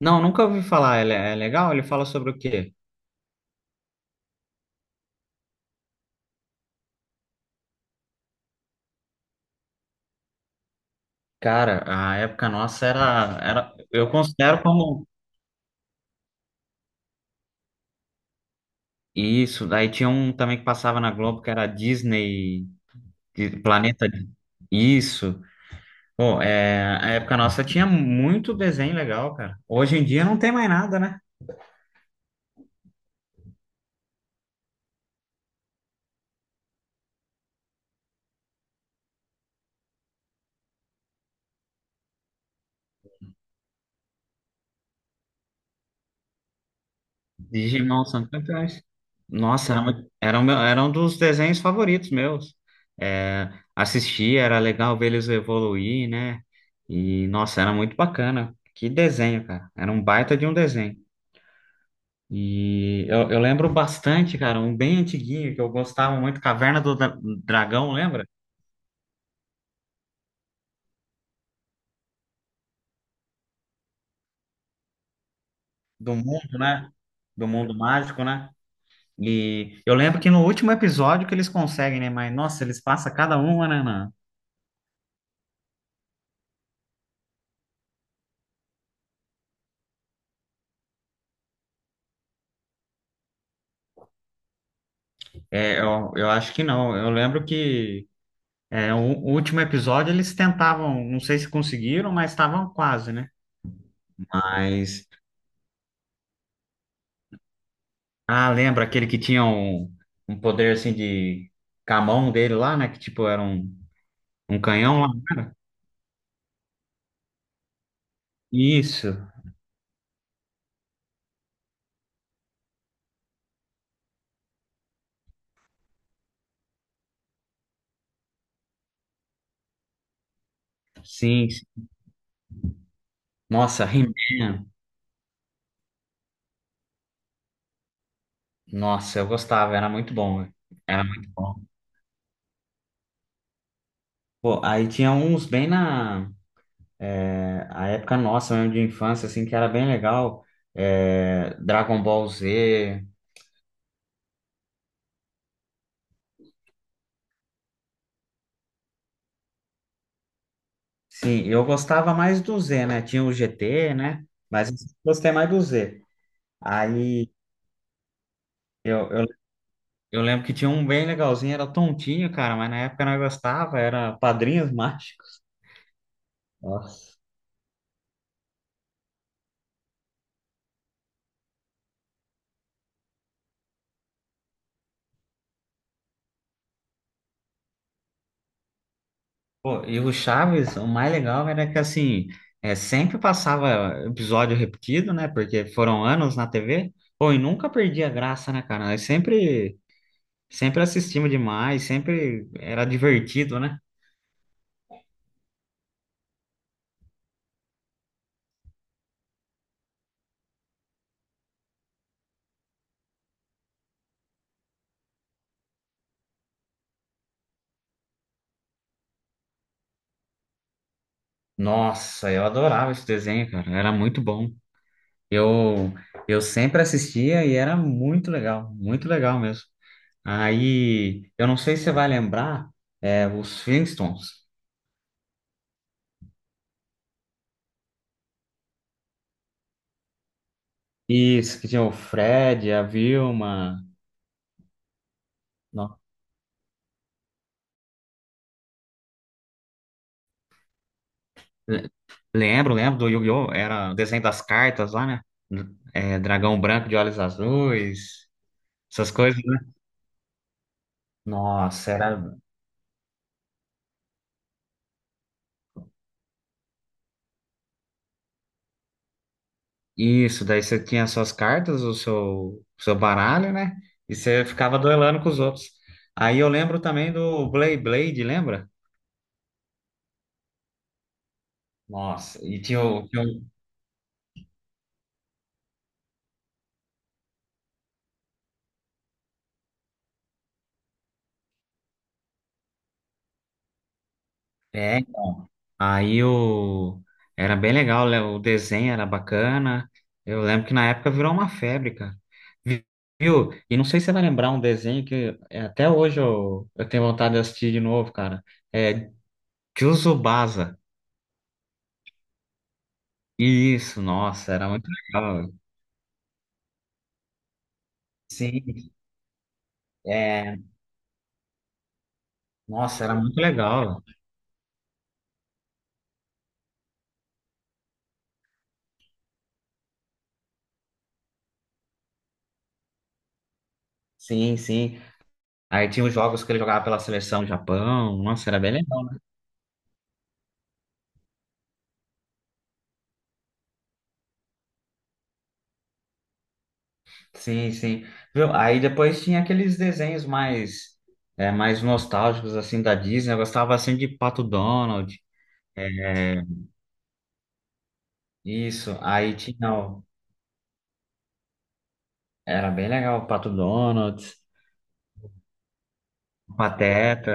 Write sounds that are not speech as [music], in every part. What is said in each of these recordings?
Não, nunca ouvi falar. Ele é legal? Ele fala sobre o quê? Cara, a época nossa era, eu considero como isso. Daí tinha um também que passava na Globo que era Disney, Planeta. Isso. Pô, é, a época nossa tinha muito desenho legal, cara. Hoje em dia não tem mais nada, né? Digimon são campeões. Nossa, era, muito- era, o meu- era um dos desenhos favoritos meus. É, assistir, era legal ver eles evoluir, né? E, nossa, era muito bacana. Que desenho, cara. Era um baita de um desenho. E eu lembro bastante, cara, um bem antiguinho que eu gostava muito, Dragão, lembra? Do mundo, né? Do mundo mágico, né? E eu lembro que no último episódio que eles conseguem, né? Mas, nossa, eles passam cada uma, né? Eu acho que não. Eu lembro que é, o último episódio eles tentavam, não sei se conseguiram, mas estavam quase, né? Mas. Ah, lembra aquele que tinha um, um poder assim de camão dele lá, né? Que tipo era um, um canhão lá? Isso, sim. Sim. Nossa, He-Man. Nossa, eu gostava, era muito bom, velho. Era muito bom. Pô, aí tinha uns bem na é, a época nossa mesmo de infância, assim, que era bem legal. É, Dragon Ball Z. Sim, eu gostava mais do Z, né? Tinha o GT, né? Mas eu gostei mais do Z. Aí eu, eu, eu lembro que tinha um bem legalzinho, era tontinho, cara, mas na época nós gostava, era Padrinhos [laughs] Mágicos. Nossa. Pô, e o Chaves, o mais legal era que assim, é, sempre passava episódio repetido, né? Porque foram anos na TV. Pô, e nunca perdia a graça, né, cara? Nós sempre, sempre assistimos demais, sempre era divertido, né? Nossa, eu adorava esse desenho, cara. Era muito bom. Eu, eu sempre assistia e era muito legal mesmo. Aí, eu não sei se você vai lembrar, é, os Flintstones. Isso, que tinha o Fred, a Vilma. Não. Le- Lembro, lembro do Yu-Gi-Oh! Era o desenho das cartas lá, né? É, dragão branco de olhos azuis, essas coisas, né? Nossa, era. Isso, daí você tinha suas cartas, o seu, seu baralho, né? E você ficava duelando com os outros. Aí eu lembro também do Blade Blade, lembra? Nossa, e tinha o, tinha o- é, aí o era bem legal, né? O desenho era bacana. Eu lembro que na época virou uma febre, cara. Vi- Viu? E não sei se você vai lembrar um desenho que é, até hoje eu tenho vontade de assistir de novo, cara. É, Jujubasa. Isso, nossa, era muito legal. Sim, é. Nossa, era muito legal. Sim, sim. Aí tinha os jogos que ele jogava pela seleção do Japão. Nossa, era bem legal, né? Sim, sim. Viu? Aí depois tinha aqueles desenhos mais, é, mais nostálgicos, assim, da Disney. Eu gostava, assim, de Pato Donald. É, isso. Aí tinha... era bem legal o Pato Donald, Pateta.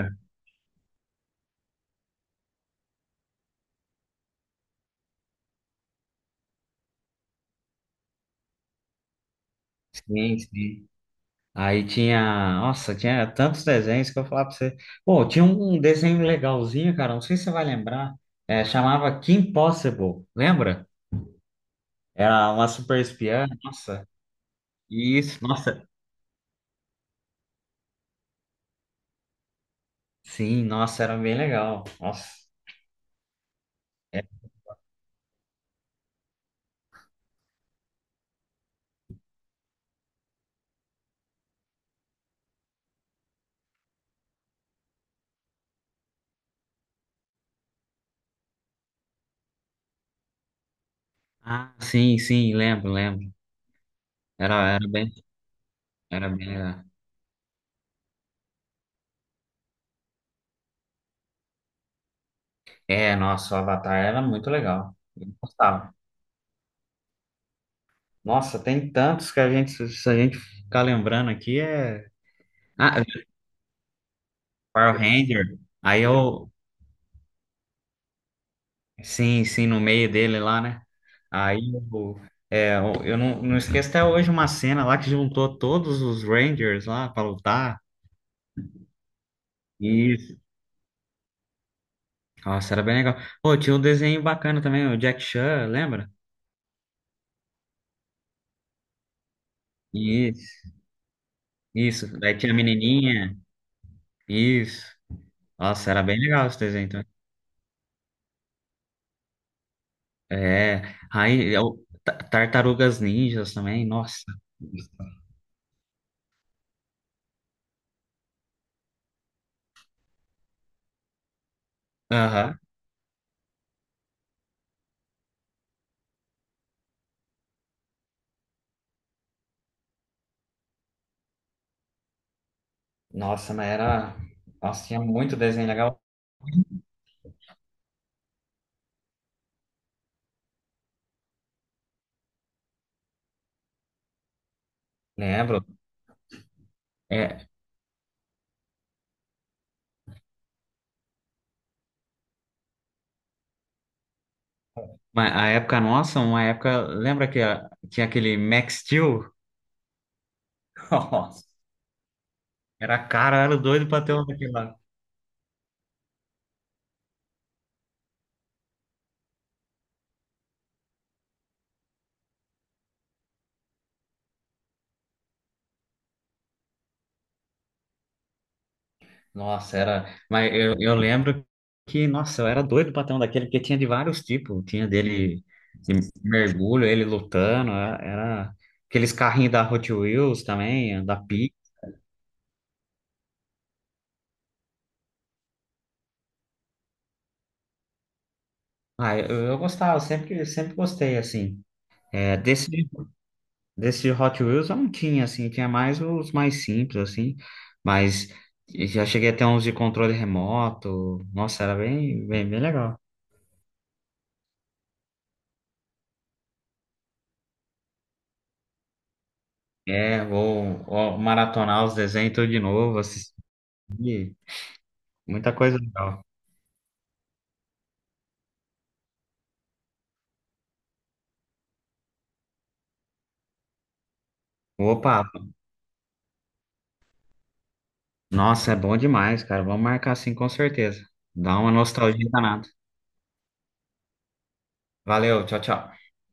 Sim, sim. Aí tinha, nossa, tinha tantos desenhos que eu falava pra você. Pô, tinha um desenho legalzinho, cara, não sei se você vai lembrar. É, chamava Kim Possible, lembra? Era uma super espiã, nossa. Isso, nossa. Sim, nossa, era bem legal. Nossa. É. Ah, sim, sim, lembro, lembro. Era, era bem, era bem legal. É, nossa, o Avatar era muito legal. Eu gostava. Nossa, tem tantos que a gente, se a gente ficar lembrando aqui, é. Ah, Power Ranger. Aí eu, sim, sim, no meio dele lá, né? Aí eu, é, eu não esqueço até hoje uma cena lá que juntou todos os Rangers lá pra lutar. Isso. Nossa, era bem legal. Pô, tinha um desenho bacana também, o Jack Chan, lembra? Isso, isso. Daí tinha a menininha. Isso. Nossa, era bem legal esse desenho também. É, aí eu, Tartarugas Ninjas também, nossa. Aham. Nossa, mas era. Nossa, tinha muito desenho legal. Lembro. Mas a época nossa, uma época. Lembra que a- tinha aquele Max Steel? [laughs] Nossa, era caro, eu era doido pra ter um daquele lá. Nossa, era. Mas eu lembro que, nossa, eu era doido pra ter um daquele, porque tinha de vários tipos. Tinha dele de mergulho, ele lutando. Era, era aqueles carrinhos da Hot Wheels também, da Pi. Ah, eu gostava, sempre, sempre gostei, assim. É, desse. Desse Hot Wheels eu não tinha, assim, tinha mais os mais simples, assim, mas já cheguei a ter uns de controle remoto, nossa, era bem, bem, bem legal. É, vou, vou maratonar os desenhos tudo de novo, assistir, muita coisa legal. Opa, nossa, é bom demais, cara, vamos marcar assim com certeza. Dá uma nostalgia danada. Valeu, tchau, tchau.